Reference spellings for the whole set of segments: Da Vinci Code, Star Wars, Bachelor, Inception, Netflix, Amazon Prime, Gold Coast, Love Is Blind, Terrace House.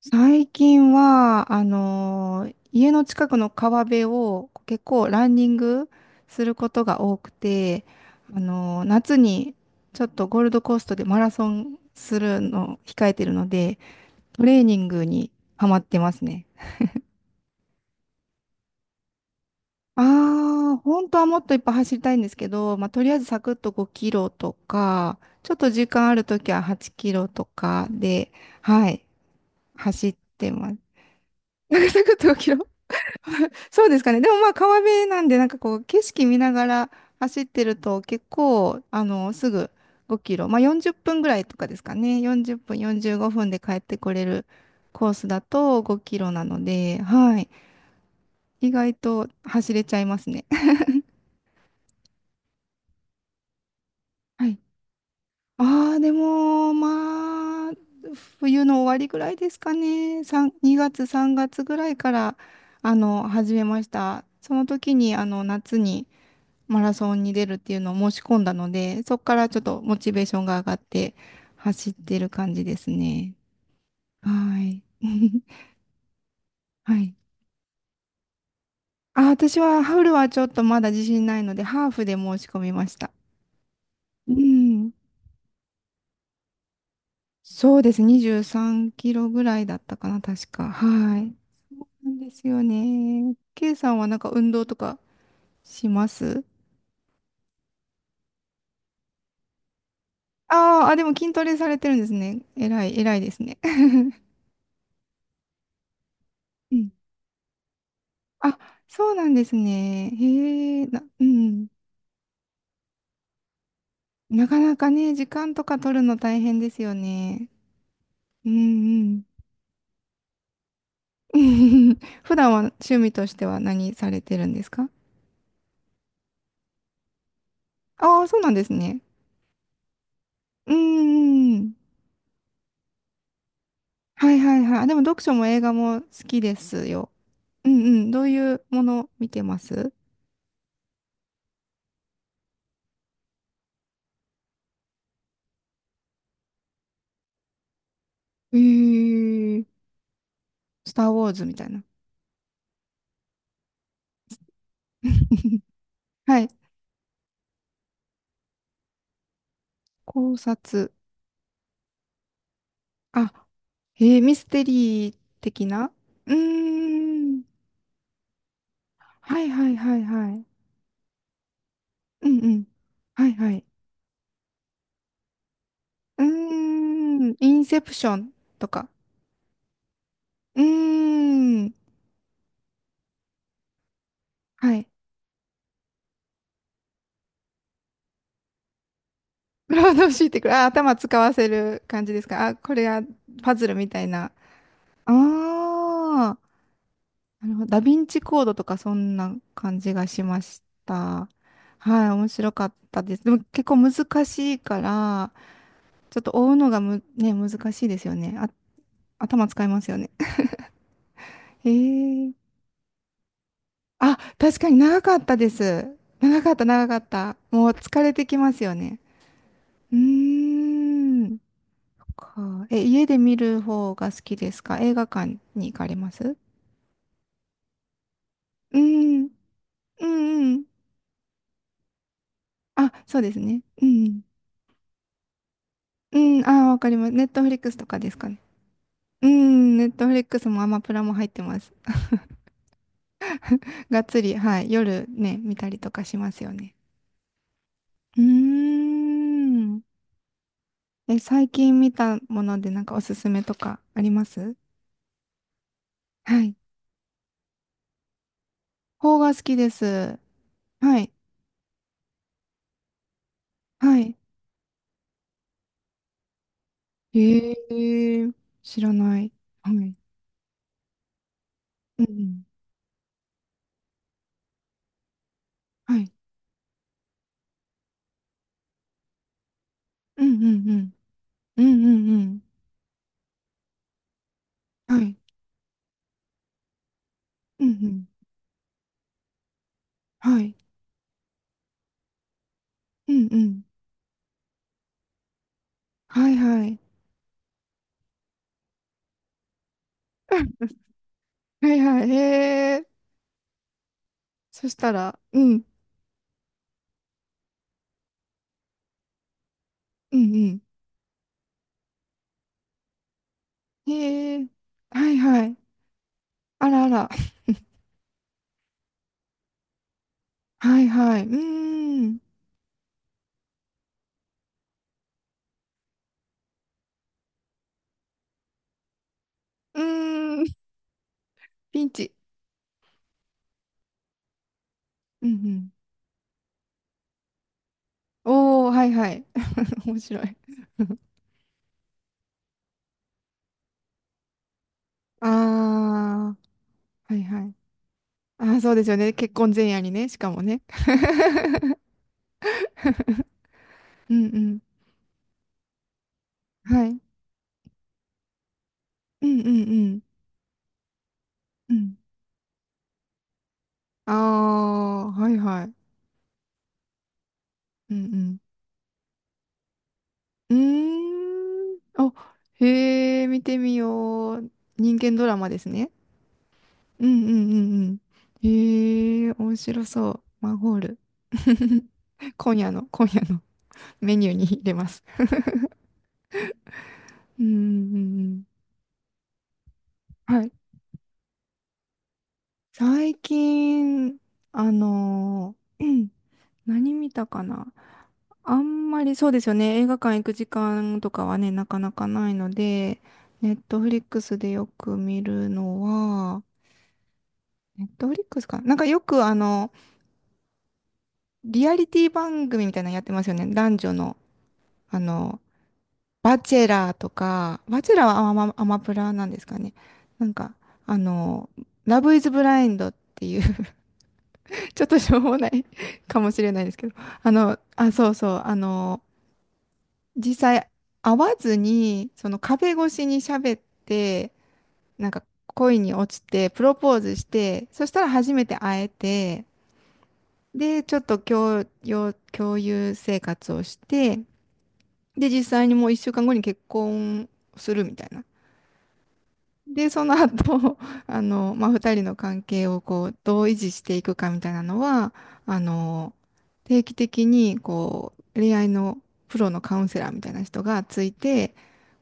最近は、家の近くの川辺を結構ランニングすることが多くて、夏にちょっとゴールドコーストでマラソンするのを控えてるので、トレーニングにハマってますね。ああ、本当はもっといっぱい走りたいんですけど、まあ、とりあえずサクッと5キロとか、ちょっと時間あるときは8キロとかで、はい、走ってます。サクッと5キロ。そうですかね。でもまあ川辺なんで、なんかこう景色見ながら走ってると結構、すぐ5キロ、まあ40分ぐらいとかですかね。40分、45分で帰ってこれるコースだと5キロなので、はい。意外と走れちゃいますね。はい。ああ、でも、まあ、冬の終わりぐらいですかね。3、2月、3月ぐらいから、始めました。その時に、夏に、マラソンに出るっていうのを申し込んだので、そこからちょっとモチベーションが上がって走ってる感じですね。はい。はい。あ、私はハーフルはちょっとまだ自信ないので、ハーフで申し込みました。うん。そうです。23キロぐらいだったかな、確か。はい。なんですよね。K さんはなんか運動とかします？あーあ、でも筋トレされてるんですね。偉い、偉いですね。うん、あ、そうなんですね。へえ、うん。なかなかね、時間とか取るの大変ですよね。うんうん。普段は趣味としては何されてるんですか？ああー、そうなんですね。うんうんうん。はいはいはい。でも読書も映画も好きですよ。うんうん。どういうもの見てます？えー、スター・ウォーズみたいな。はい。考察。あ、ミステリー的な。うーん。はいはいはいはい。うんうん。はいはい。うーん。インセプションとか。うーん。はい。労働してくる。あ、頭使わせる感じですか。あ、これがパズルみたいな。ああ。なるほど。ダヴィンチコードとかそんな感じがしました。はい。面白かったです。でも結構難しいから、ちょっと追うのがね、難しいですよね。あ、頭使いますよね。へえ。あ、確かに長かったです。長かった、長かった。もう疲れてきますよね。うーん。家で見る方が好きですか？映画館に行かれます？うん。うんうん。あ、そうですね。うん。うん。あ、わかります。ネットフリックスとかですかね。うん。ネットフリックスもアマプラも入ってます。がっつり、はい。夜ね、見たりとかしますよね。うーん。え、最近見たものでなんかおすすめとかあります？はい。邦画好きです。はい。はい。ええー、知らない。はい。うんうん。はい。うんうんうん。うんうんうん。はい。うんうん。はい。うんうん。はいはい。はいはい。へえ。そしたら、うん。うんうん。へえ。はいはい。あらあら。はいはい。うーん。うーん。ピンチ。うんうん。おー、はいはい。面白い。あー。はいはい。ああ、そうですよね。結婚前夜にね、しかもね。うんうん。はい。うんうんうん。うん。ああ、はいはい。うんうん。うーん。あ、へえ、見てみよう。人間ドラマですね。うんうんうんうん。へえ、面白そう。マンホール。今夜のメニューに入れます。うんうんうんうん。はい。最近、あのー何見たかな。あんまりそうですよね。映画館行く時間とかはね、なかなかないので、ネットフリックスでよく見るのは、ネットフリックスかな。なんかよくリアリティ番組みたいなのやってますよね。男女の、あの、バチェラーとか、バチェラーはアマプラなんですかね。なんか、あの、ラブイズブラインドっていう ちょっとしょうもない かもしれないですけど、あ、そうそう、実際会わずにその壁越しに喋ってなんか恋に落ちてプロポーズしてそしたら初めて会えてでちょっと共有生活をしてで実際にもう1週間後に結婚するみたいな。で、その後、まあ、二人の関係をこう、どう維持していくかみたいなのは、あの、定期的に、こう、恋愛のプロのカウンセラーみたいな人がついて、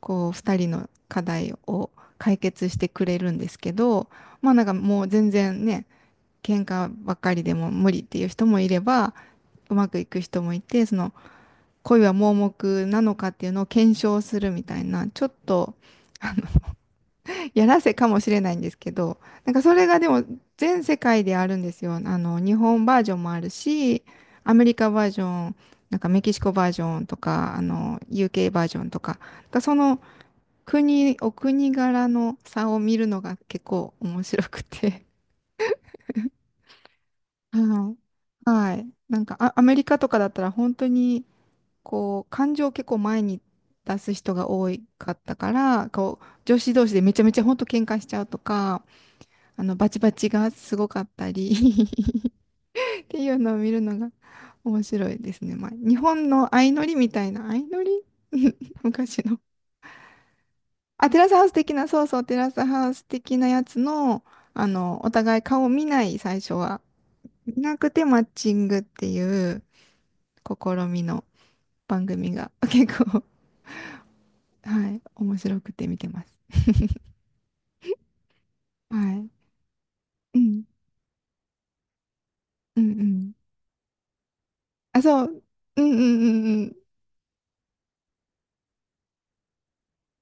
こう、二人の課題を解決してくれるんですけど、まあ、なんかもう全然ね、喧嘩ばっかりでも無理っていう人もいれば、うまくいく人もいて、その、恋は盲目なのかっていうのを検証するみたいな、ちょっと、あやらせかもしれないんですけど、なんかそれがでも全世界であるんですよ。日本バージョンもあるし、アメリカバージョン、なんかメキシコバージョンとか、UK バージョンとか、なんかその国、お国柄の差を見るのが結構面白くて。はい。はい。なんかあアメリカとかだったら本当に、こう、感情を結構前に出す人が多かったから、こう、女子同士でめちゃめちゃ本当喧嘩しちゃうとか、バチバチがすごかったり っていうのを見るのが面白いですね。まあ、日本の相乗りみたいな、相乗り 昔の。あ、テラスハウス的な、そうそう、テラスハウス的なやつの、お互い顔を見ない、最初は。見なくてマッチングっていう試みの番組が 結構、はい、面白くて見てます。はい。うん。うんうん。あ、そう。うんうんうんうん。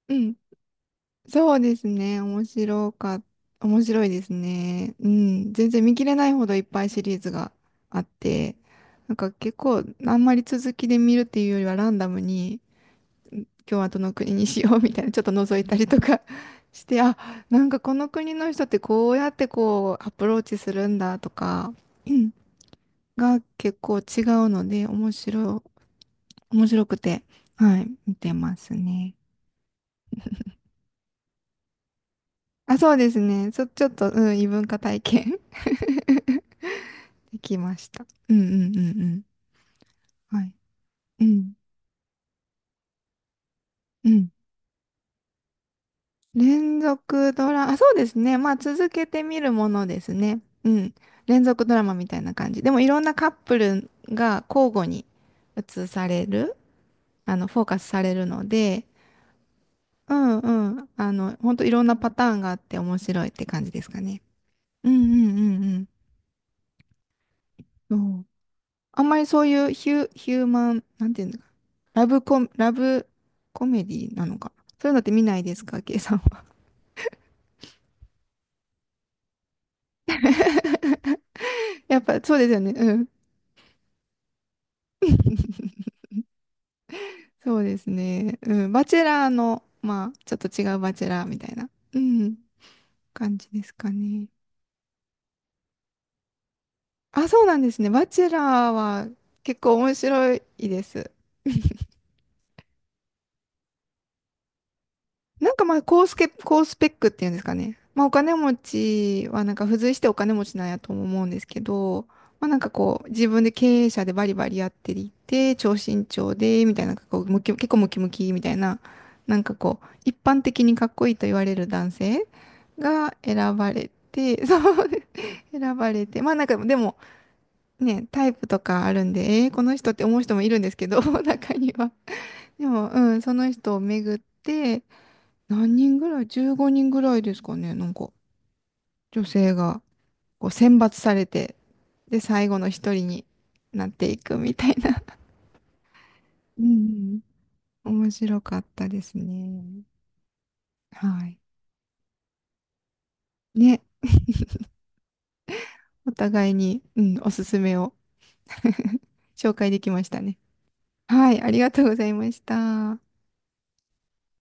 うん。そうですね。面白いですね。うん。全然見切れないほどいっぱいシリーズがあって、なんか結構あんまり続きで見るっていうよりはランダムに、今日はどの国にしようみたいな、ちょっと覗いたりとか して、あ、なんかこの国の人ってこうやってこうアプローチするんだとか、うんが結構違うので、面白くて、はい、見てますね。あ、そうですね。ちょっと、うん、異文化体験 できました。うんうんうんうん。はい。うん。うん。連続ドラ、あ、そうですね。まあ、続けてみるものですね。うん。連続ドラマみたいな感じ。でも、いろんなカップルが交互に映される、フォーカスされるので、うんうん。ほんといろんなパターンがあって面白いって感じですかね。うんうんうんうん。そう、あんまりそういうヒューマン、なんていうのラブコメディなのか。そういうのって見ないですか、ケイさんは。やっぱそうですよね。うん。そうですね。うん。バチェラーの、まあ、ちょっと違うバチェラーみたいな、うん、感じですかね。あ、そうなんですね。バチェラーは結構面白いです。なんかまあ高スペックっていうんですかね。まあお金持ちはなんか付随してお金持ちなんやとも思うんですけど、まあなんかこう自分で経営者でバリバリやっていて、超身長で、みたいな、なんかこう結構ムキムキみたいな、なんかこう一般的にかっこいいと言われる男性が選ばれて、そう、選ばれて、まあなんかでもね、タイプとかあるんで、えーこの人って思う人もいるんですけど、中には。でも、うん、その人を巡って、何人ぐらい？ 15 人ぐらいですかね。なんか、女性がこう選抜されて、で、最後の一人になっていくみたいな。うんうん。面白かったですね。はい。ね。お互いに、うん、おすすめを 紹介できましたね。はい。ありがとうございました。